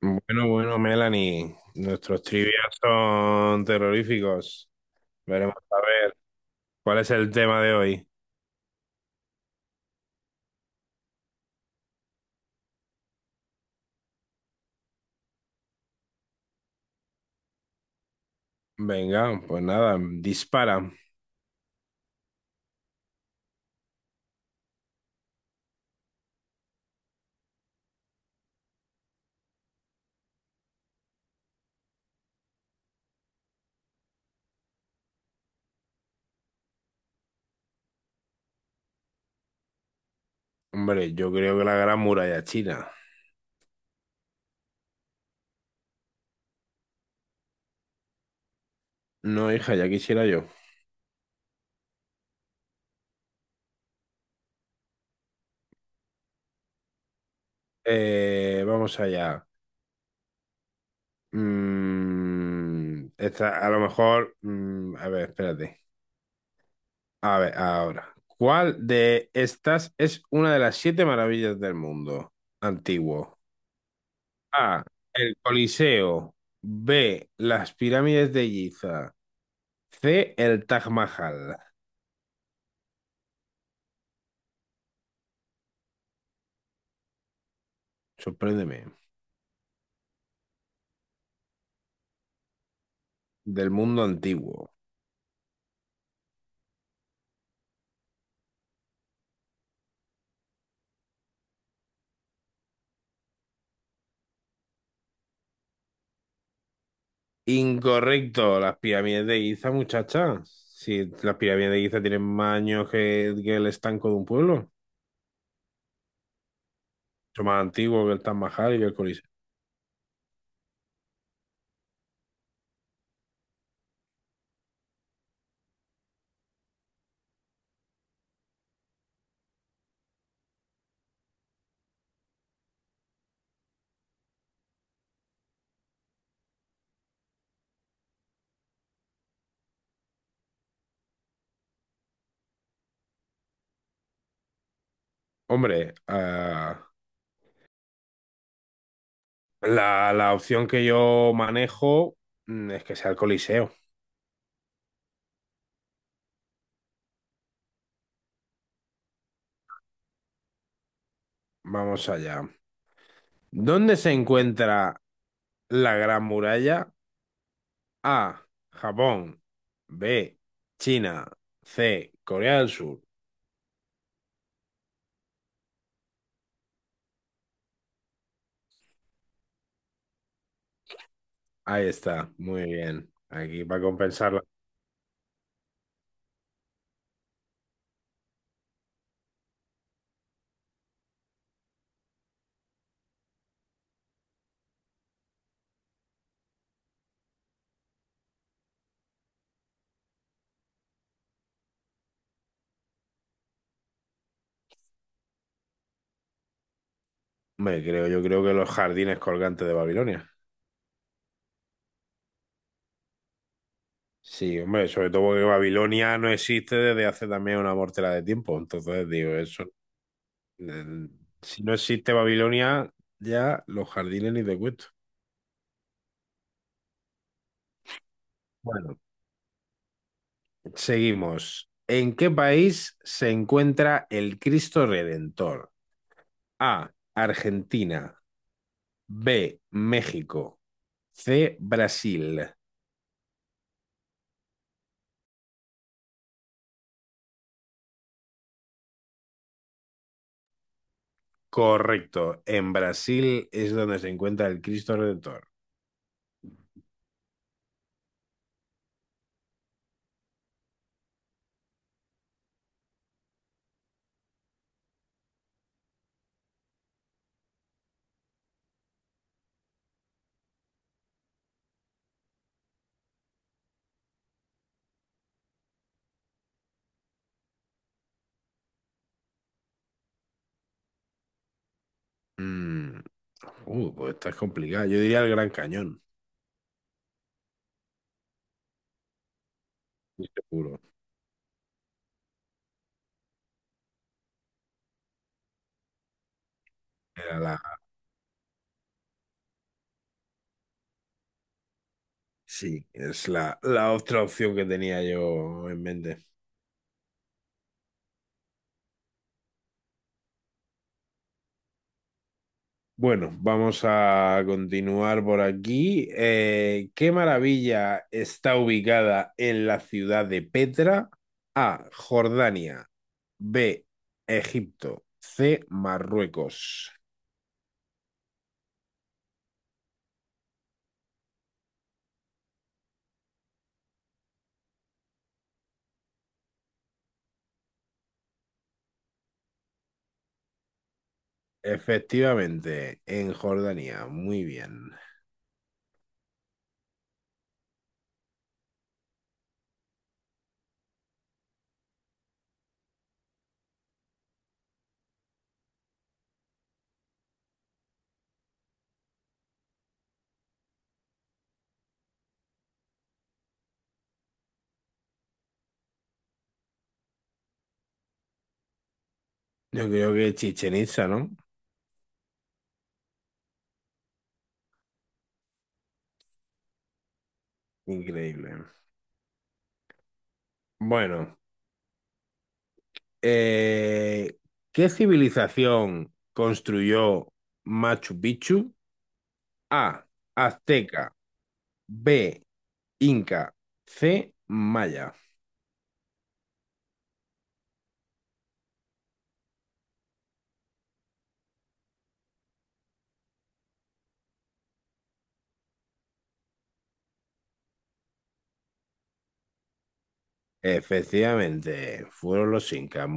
Bueno, bueno, Melanie, nuestros trivias son terroríficos. Veremos a ver cuál es el tema de hoy. Venga, pues nada, dispara. Hombre, yo creo que la Gran Muralla China. No, hija, ya quisiera yo. Vamos allá. Esta, a lo mejor. A ver, espérate. A ver, ahora. ¿Cuál de estas es una de las siete maravillas del mundo antiguo? A. El Coliseo. B. Las pirámides de Giza. C. El Taj Mahal. Sorpréndeme. Del mundo antiguo. Incorrecto. Las pirámides de Giza, muchacha. Si las pirámides de Giza tienen más años que el estanco de un pueblo. Son más antiguos que el Taj Mahal y que el Coliseo. Hombre, la opción que yo manejo es que sea el Coliseo. Vamos allá. ¿Dónde se encuentra la Gran Muralla? A. Japón. B. China. C. Corea del Sur. Ahí está. Muy bien. Aquí para compensarla. Hombre, creo, yo creo que los jardines colgantes de Babilonia. Sí, hombre, sobre todo porque Babilonia no existe desde hace también una mortera de tiempo. Entonces, digo, eso. eh, Si no existe Babilonia, ya los jardines ni te cuento. Bueno, seguimos. ¿En qué país se encuentra el Cristo Redentor? A. Argentina. B, México. C, Brasil. Correcto. En Brasil es donde se encuentra el Cristo Redentor. Mm. Pues esta es complicada. Yo diría el Gran Cañón, estoy seguro. Era sí, es la otra opción que tenía yo en mente. Bueno, vamos a continuar por aquí. ¿Qué maravilla está ubicada en la ciudad de Petra? A. Jordania. B. Egipto. C. Marruecos. Efectivamente, en Jordania. Muy bien. Yo creo que Chichen Itza, ¿no? Increíble. Bueno, eh, ¿qué civilización construyó Machu Picchu? A. Azteca. B. Inca. C, Maya. Efectivamente, fueron los Incas.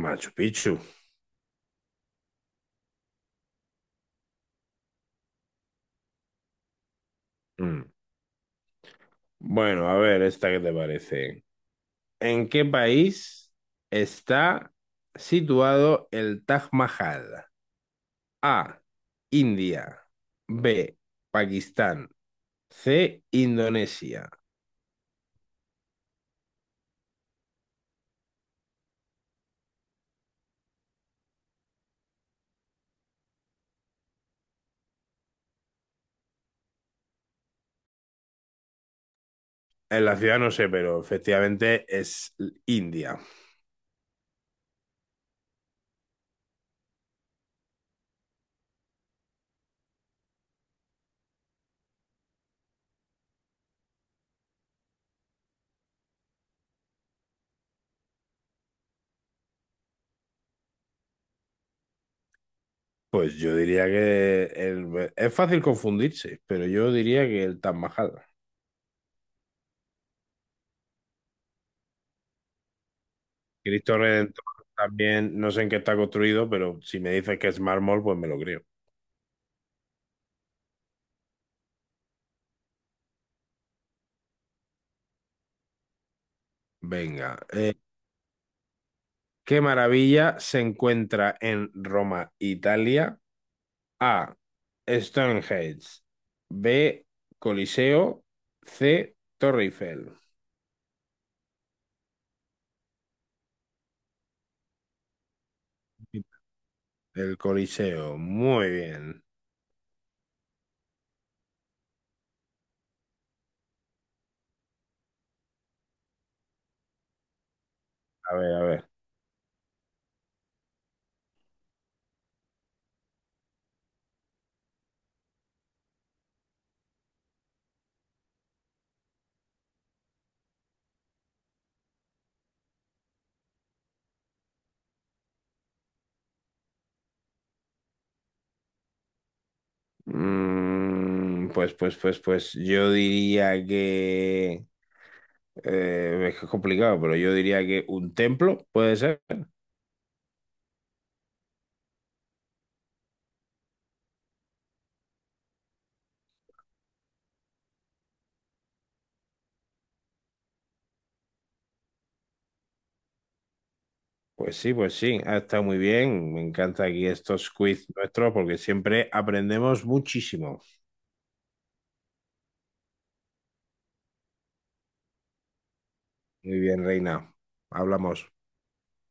Machu Picchu. Mm. Bueno, a ver, esta que te parece. ¿En qué país está situado el Taj Mahal? A, India. B, Pakistán. C, Indonesia. En la ciudad no sé, pero efectivamente es India. Pues yo diría que el- es fácil confundirse, pero yo diría que el Taj Mahal. Cristo Redentor también, no sé en qué está construido, pero si me dices que es mármol, pues me lo creo. Venga. ¿Qué maravilla se encuentra en Roma, Italia? A. Stonehenge. B. Coliseo. C. Torre Eiffel. El Coliseo. Muy bien. A ver, a ver. Yo diría que... es que es complicado, pero yo diría que un templo, ¿puede ser? Pues sí, ha estado muy bien. Me encanta aquí estos quiz nuestros porque siempre aprendemos muchísimo. Muy bien, Reina. Hablamos.